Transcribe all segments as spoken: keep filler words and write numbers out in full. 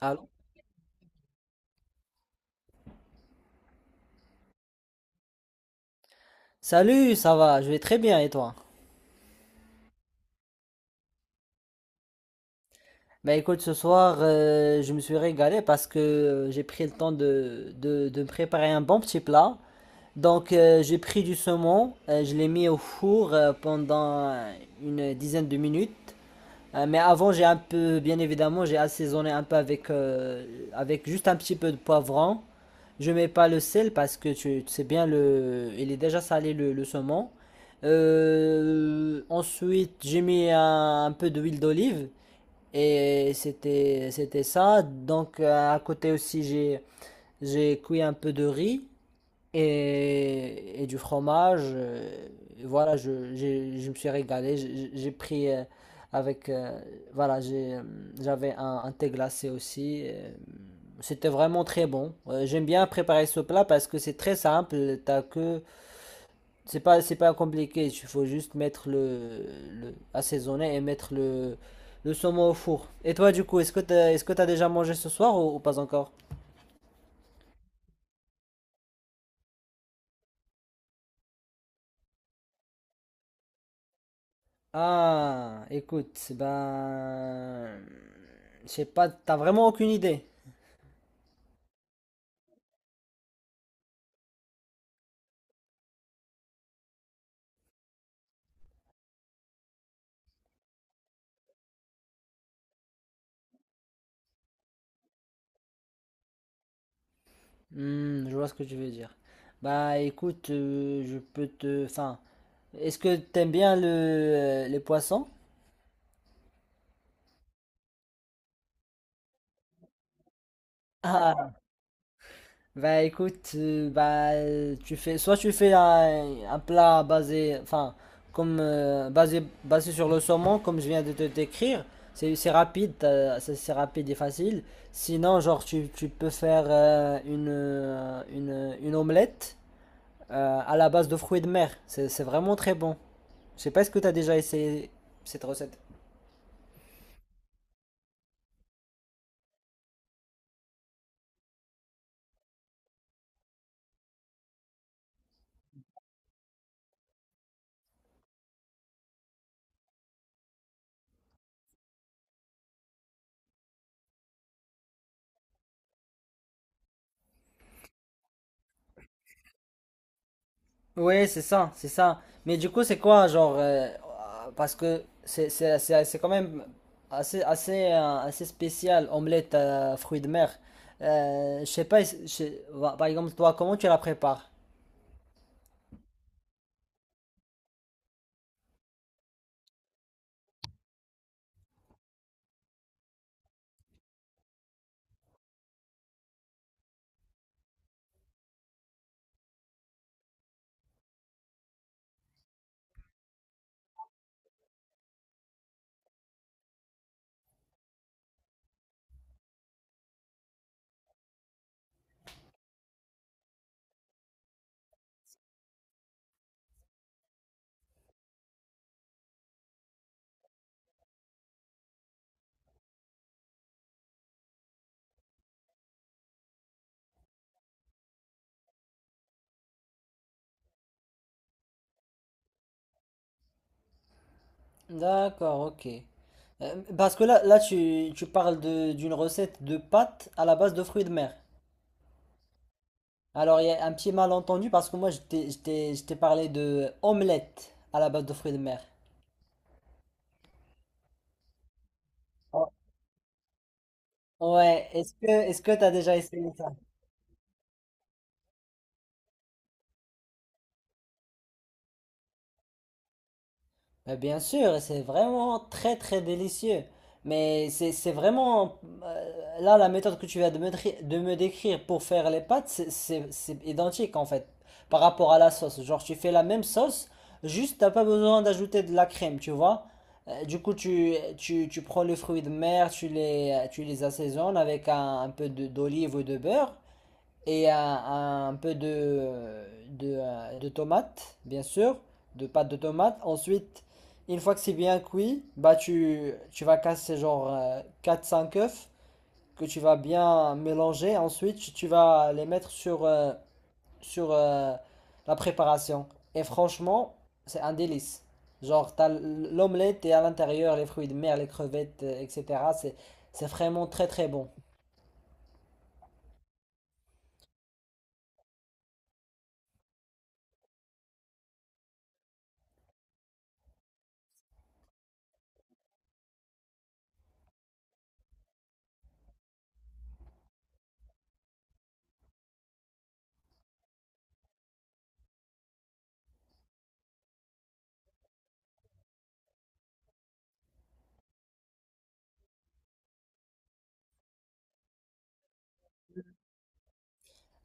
Allô? Salut, ça va? Je vais très bien et toi? Bah écoute, ce soir, euh, je me suis régalé parce que euh, j'ai pris le temps de, de, de me préparer un bon petit plat. Donc, euh, j'ai pris du saumon, euh, je l'ai mis au four euh, pendant une dizaine de minutes. Euh, mais avant, j'ai un peu, bien évidemment, j'ai assaisonné un peu avec, euh, avec juste un petit peu de poivron. Je mets pas le sel parce que tu, tu sais bien, le, il est déjà salé le, le saumon. Euh, ensuite, j'ai mis un, un peu d'huile d'olive et c'était, c'était ça. Donc, euh, à côté aussi, j'ai, j'ai cuit un peu de riz et, et du fromage. Euh, et voilà, je, j'ai- je me suis régalé. J'ai j'ai pris euh, avec. euh, voilà, j'ai, euh, J'avais un, un thé glacé aussi. euh, C'était vraiment très bon. Euh, J'aime bien préparer ce plat parce que c'est très simple. T'as que, c'est pas, c'est pas compliqué. Il faut juste mettre le, le- assaisonner et mettre le, le saumon au four. Et toi, du coup, est-ce que t'as, est-ce que t'as déjà mangé ce soir ou, ou pas encore? Ah, écoute, ben, je sais pas, t'as vraiment aucune idée. Hmm, je vois ce que tu veux dire. Bah, écoute, euh, je peux te, enfin, est-ce que t'aimes bien le, euh, les poissons? Ah, bah écoute, euh, bah euh, tu fais soit tu fais un, un plat basé, enfin comme euh, basé basé sur le saumon comme je viens de te décrire, c'est c'est rapide, t'as- c'est c'est rapide et facile. Sinon genre tu, tu peux faire euh, une, euh, une une omelette euh, à la base de fruits de mer, c'est c'est vraiment très bon. Je sais pas, est-ce que t'as déjà essayé cette recette. Ouais, c'est ça, c'est ça. Mais du coup, c'est quoi, genre, euh, parce que c'est c'est- c'est- c'est quand même assez, assez, euh, assez spécial, omelette euh, fruits de mer. Euh, je sais pas, je sais- Bah, par exemple, toi, comment tu la prépares? D'accord, ok. Euh, parce que là, là tu, tu parles de, d'une recette de pâtes à la base de fruits de mer. Alors, il y a un petit malentendu parce que moi, je t'ai, je t'ai- je t'ai parlé de omelette à la base de fruits de mer. Oh. Ouais, est-ce que, est-ce que tu as déjà essayé ça? Mais bien sûr, c'est vraiment très très délicieux. Mais c'est c'est vraiment... euh, Là, la méthode que tu viens de me, dri- de me décrire pour faire les pâtes, c'est c'est- c'est identique en fait par rapport à la sauce. Genre, tu fais la même sauce, juste t'as pas besoin d'ajouter de la crème, tu vois. Euh, du coup, tu, tu, tu prends les fruits de mer, tu les, tu les assaisonnes avec un, un peu de- d'olive ou de beurre et un, un peu de, de, euh, de tomates, bien sûr, de pâte de tomate. Ensuite, une fois que c'est bien cuit, bah tu, tu vas casser genre euh, quatre cinq œufs que tu vas bien mélanger. Ensuite, tu- vas les mettre sur, euh, sur euh, la préparation. Et franchement, c'est un délice. Genre, t'as l'omelette et à l'intérieur les fruits de mer, les crevettes, euh, et cetera. C'est, c'est vraiment très très bon.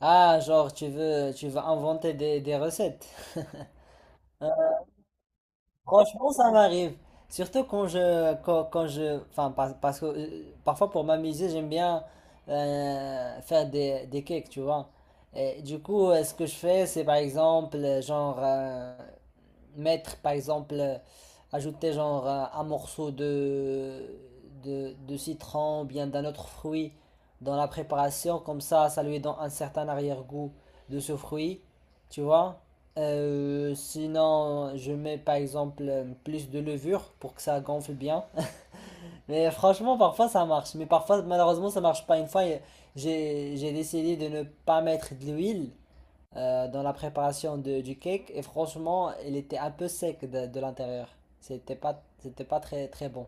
Ah, genre, tu veux, tu veux inventer des, des recettes. Franchement, ça m'arrive. Surtout quand je, quand, quand je, enfin, par- parce que euh, parfois pour m'amuser, j'aime bien euh, faire des, des cakes, tu vois. Et du coup, euh, ce que je fais, c'est par exemple, euh, genre, euh, mettre par exemple euh, ajouter genre un un morceau de, de, de citron ou bien d'un autre fruit dans la préparation comme ça ça lui donne un certain arrière-goût de ce fruit, tu vois. Euh, sinon je mets par exemple euh, plus de levure pour que ça gonfle bien. Mais franchement parfois ça marche mais parfois malheureusement ça marche pas. Une fois, j'ai j'ai décidé de ne pas mettre de l'huile euh, dans la préparation de- du cake et franchement, il était un peu sec de, de l'intérieur. C'était pas, c'était pas très très bon.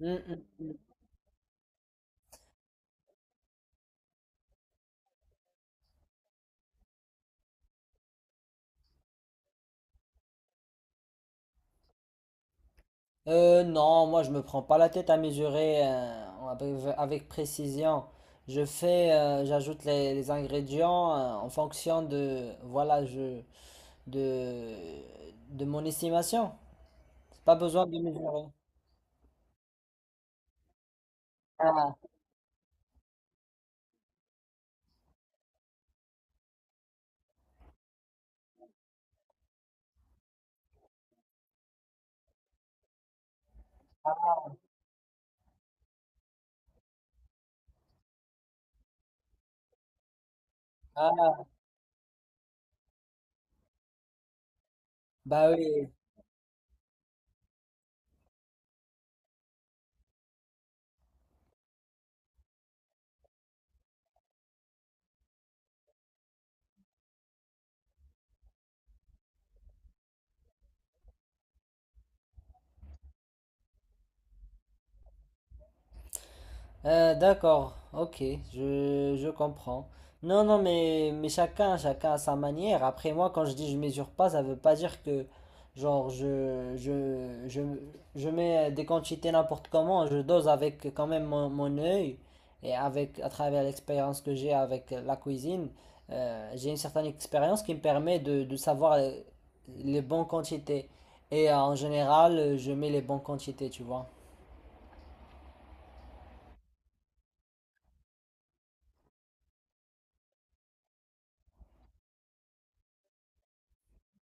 Mm, mm. Euh, non, moi je me prends pas la tête à mesurer euh, avec, avec précision. Je fais, euh, j'ajoute les, les ingrédients euh, en fonction de, voilà, je, de, de mon estimation. C'est pas besoin de mesurer. Ah, ah, bah oui. Euh, d'accord, ok, je, je comprends. Non, non, mais, mais chacun, chacun à sa manière. Après, moi, quand je dis je mesure pas, ça veut pas dire que, genre, je, je, je, je mets des quantités n'importe comment, je dose avec quand même mon, mon œil et avec, à travers l'expérience que j'ai avec la cuisine, euh, j'ai une certaine expérience qui me permet de, de savoir les, les bonnes quantités. Et euh, en général, euh, je mets les bonnes quantités, tu vois.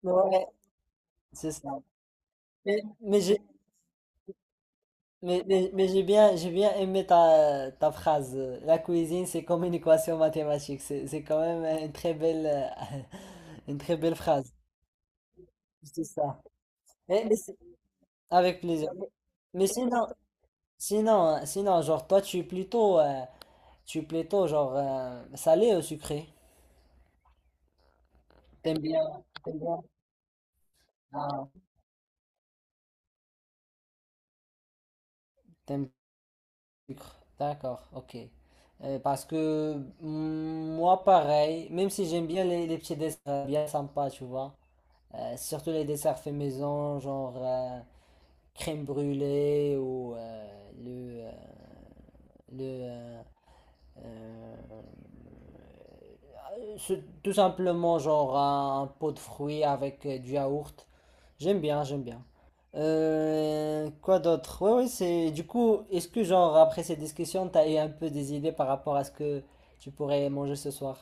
Ouais. C'est ça. Mais- Mais j'ai Mais, mais- mais j'ai bien, j'ai bien aimé ta, ta phrase. euh, La cuisine, c'est comme une équation mathématique. C'est, c'est quand même une très belle, euh, une très belle phrase. C'est ça. Eh, mais c'est- avec plaisir. Mais mais sinon, Sinon, euh, sinon, genre, toi, tu es plutôt, euh, tu es plutôt, genre, euh, salé ou sucré? T'aimes bien, t'aimes bien. Ah, t'aimes le sucre. D'accord, ok. Euh, parce que mm, moi, pareil, même si j'aime bien les, les petits desserts bien sympas, tu vois. Euh, surtout les desserts faits maison, genre euh, crème brûlée ou euh, le, euh, le euh, euh, ce- tout simplement genre un pot de fruits avec euh, du yaourt. J'aime bien, j'aime bien. Euh, quoi d'autre? Ouais, ouais, c'est. Du coup, est-ce que genre après cette discussion, t'as eu un peu des idées par rapport à ce que tu pourrais manger ce soir?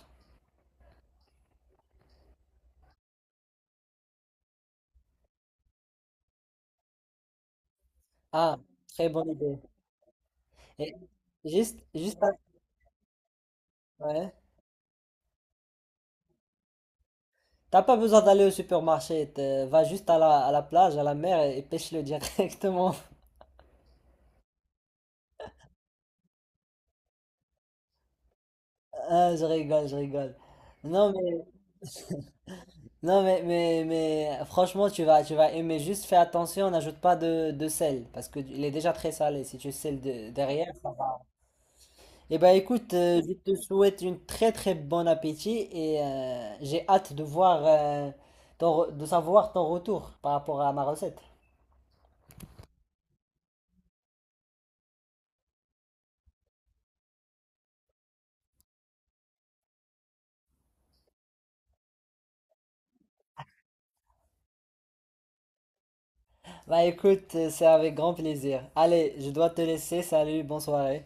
Ah, très bonne idée. Et juste, juste, ouais. T'as pas besoin d'aller au supermarché, t'es- va juste à la, à la plage, à la mer et, et pêche-le directement. Ah, je rigole, je rigole. Non mais, non mais, mais, mais franchement tu vas, tu vas aimer, juste fais attention, n'ajoute pas de, de sel, parce que il est déjà très salé, si tu sels de- derrière. Eh ben écoute, euh, je te souhaite une très très bon appétit et euh, j'ai hâte de voir, euh, ton re- de savoir ton retour par rapport à ma recette. Bah écoute, euh, c'est avec grand plaisir. Allez, je dois te laisser. Salut, bonne soirée.